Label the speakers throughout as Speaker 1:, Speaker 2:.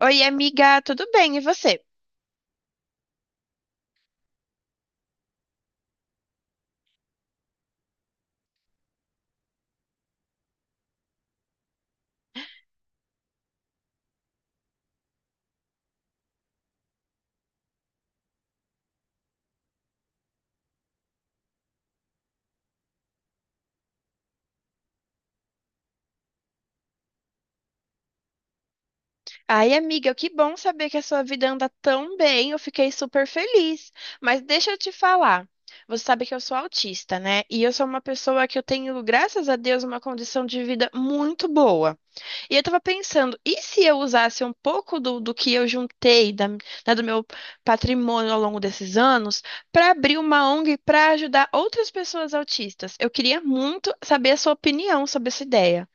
Speaker 1: Oi, amiga, tudo bem? E você? Ai, amiga, que bom saber que a sua vida anda tão bem. Eu fiquei super feliz. Mas deixa eu te falar. Você sabe que eu sou autista, né? E eu sou uma pessoa que eu tenho, graças a Deus, uma condição de vida muito boa. E eu tava pensando, e se eu usasse um pouco do que eu juntei, da, né, do meu patrimônio ao longo desses anos, para abrir uma ONG para ajudar outras pessoas autistas? Eu queria muito saber a sua opinião sobre essa ideia.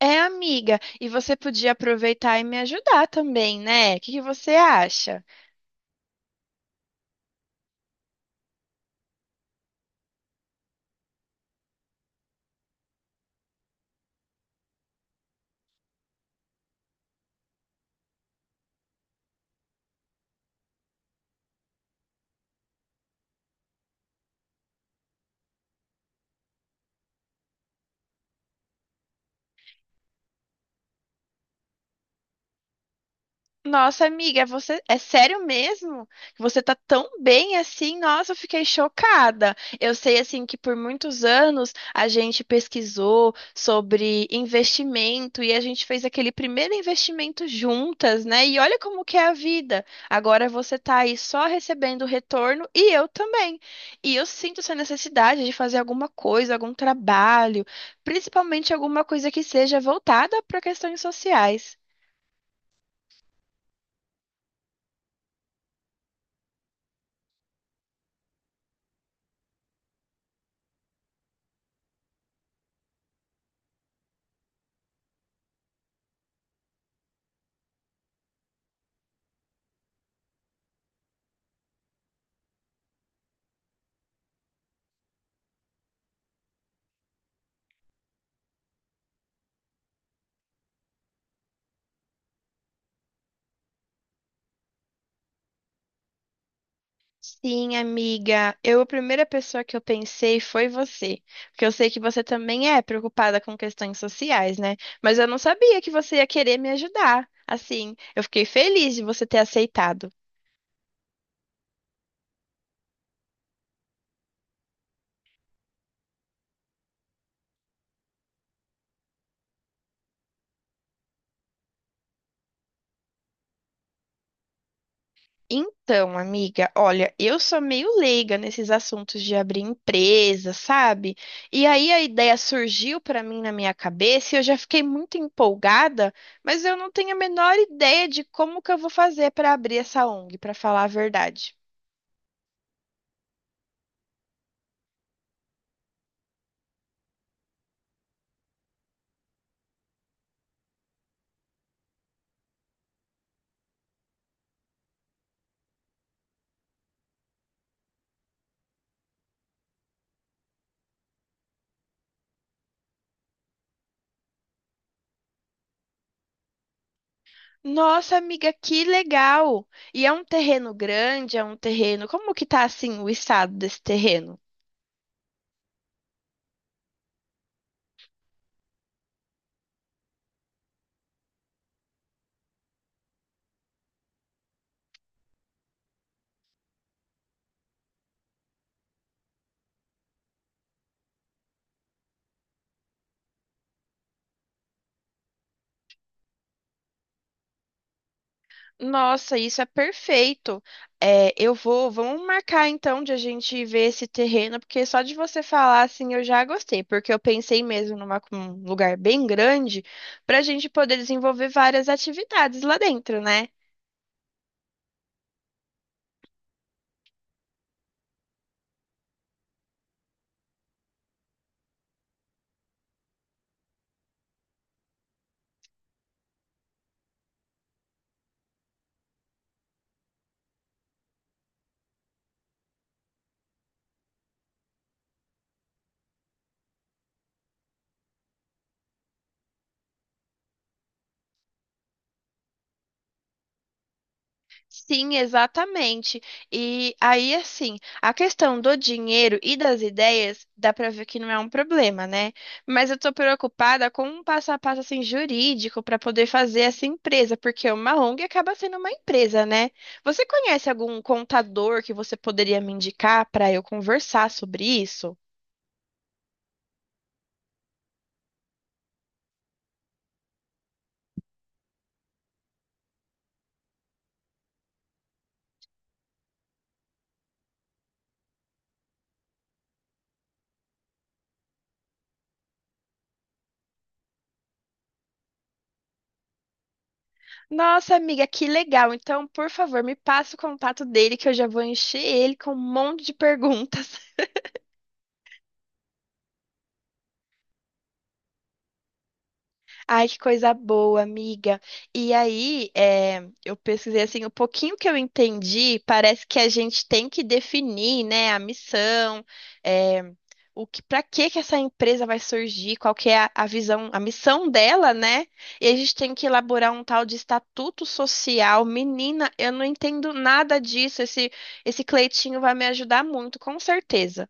Speaker 1: É, amiga, e você podia aproveitar e me ajudar também, né? O que que você acha? Nossa, amiga, é você é sério mesmo que você tá tão bem assim? Nossa, eu fiquei chocada. Eu sei assim que por muitos anos a gente pesquisou sobre investimento e a gente fez aquele primeiro investimento juntas, né? E olha como que é a vida. Agora você tá aí só recebendo retorno e eu também. E eu sinto essa necessidade de fazer alguma coisa, algum trabalho, principalmente alguma coisa que seja voltada para questões sociais. Sim, amiga. Eu, a primeira pessoa que eu pensei foi você, porque eu sei que você também é preocupada com questões sociais, né? Mas eu não sabia que você ia querer me ajudar. Assim, eu fiquei feliz de você ter aceitado. Então, amiga, olha, eu sou meio leiga nesses assuntos de abrir empresa, sabe? E aí a ideia surgiu para mim na minha cabeça e eu já fiquei muito empolgada, mas eu não tenho a menor ideia de como que eu vou fazer para abrir essa ONG, para falar a verdade. Nossa, amiga, que legal! E é um terreno grande, é um terreno. Como que tá assim o estado desse terreno? Nossa, isso é perfeito. É, eu vou, vamos marcar então de a gente ver esse terreno, porque só de você falar assim eu já gostei, porque eu pensei mesmo numa, um lugar bem grande para a gente poder desenvolver várias atividades lá dentro, né? Sim, exatamente. E aí, assim, a questão do dinheiro e das ideias, dá pra ver que não é um problema, né? Mas eu tô preocupada com um passo a passo assim jurídico pra poder fazer essa empresa, porque uma ONG acaba sendo uma empresa, né? Você conhece algum contador que você poderia me indicar pra eu conversar sobre isso? Nossa, amiga, que legal. Então, por favor, me passa o contato dele que eu já vou encher ele com um monte de perguntas. Ai, que coisa boa, amiga. E aí, é, eu pesquisei assim, o pouquinho que eu entendi, parece que a gente tem que definir, né, a missão, é, o que, para que que essa empresa vai surgir, qual que é a visão, a missão dela, né? E a gente tem que elaborar um tal de estatuto social. Menina, eu não entendo nada disso. Esse Cleitinho vai me ajudar muito, com certeza.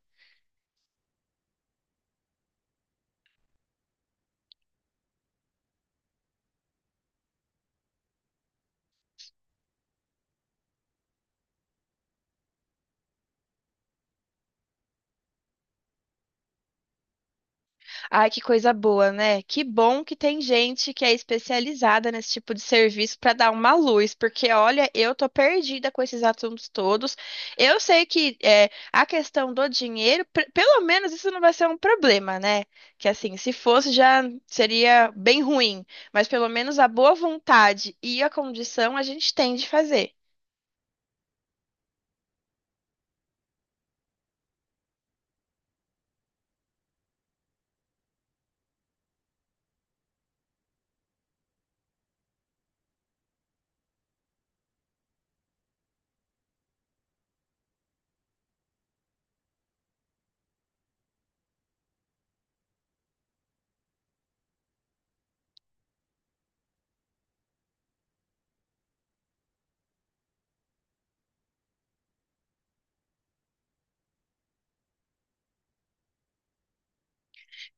Speaker 1: Ai, que coisa boa, né? Que bom que tem gente que é especializada nesse tipo de serviço para dar uma luz, porque olha, eu tô perdida com esses assuntos todos. Eu sei que é, a questão do dinheiro, pelo menos isso não vai ser um problema, né? Que assim, se fosse já seria bem ruim, mas pelo menos a boa vontade e a condição a gente tem de fazer.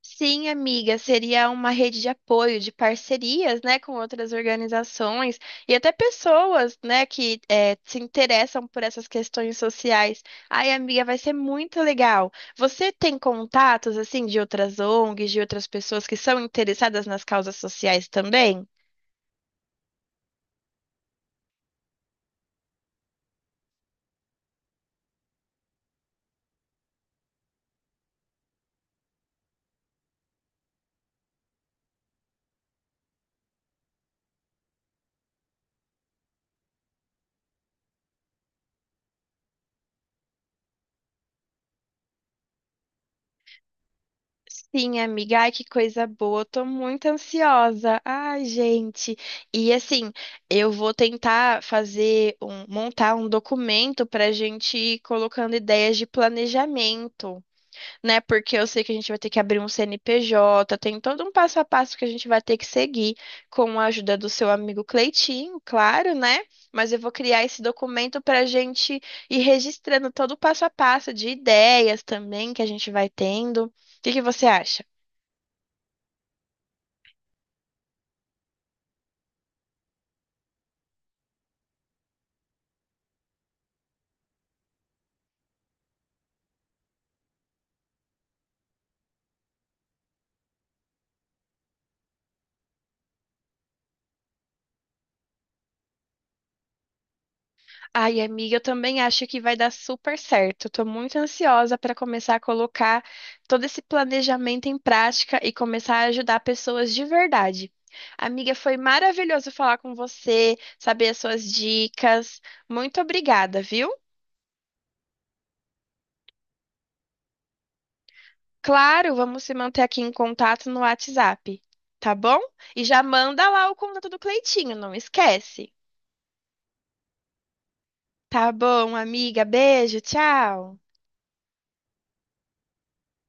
Speaker 1: Sim, amiga, seria uma rede de apoio, de parcerias, né, com outras organizações e até pessoas, né, que se interessam por essas questões sociais. Ai, amiga, vai ser muito legal. Você tem contatos, assim, de outras ONGs, de outras pessoas que são interessadas nas causas sociais também? Sim, amiga, ai que coisa boa, tô muito ansiosa. Ai, gente. E assim, eu vou tentar fazer um, montar um documento pra gente ir colocando ideias de planejamento, né? Porque eu sei que a gente vai ter que abrir um CNPJ, tem todo um passo a passo que a gente vai ter que seguir com a ajuda do seu amigo Cleitinho, claro, né? Mas eu vou criar esse documento para a gente ir registrando todo o passo a passo de ideias também que a gente vai tendo. O que que você acha? Ai, amiga, eu também acho que vai dar super certo. Estou muito ansiosa para começar a colocar todo esse planejamento em prática e começar a ajudar pessoas de verdade. Amiga, foi maravilhoso falar com você, saber as suas dicas. Muito obrigada, viu? Claro, vamos se manter aqui em contato no WhatsApp, tá bom? E já manda lá o contato do Cleitinho, não esquece. Tá bom, amiga, beijo, tchau.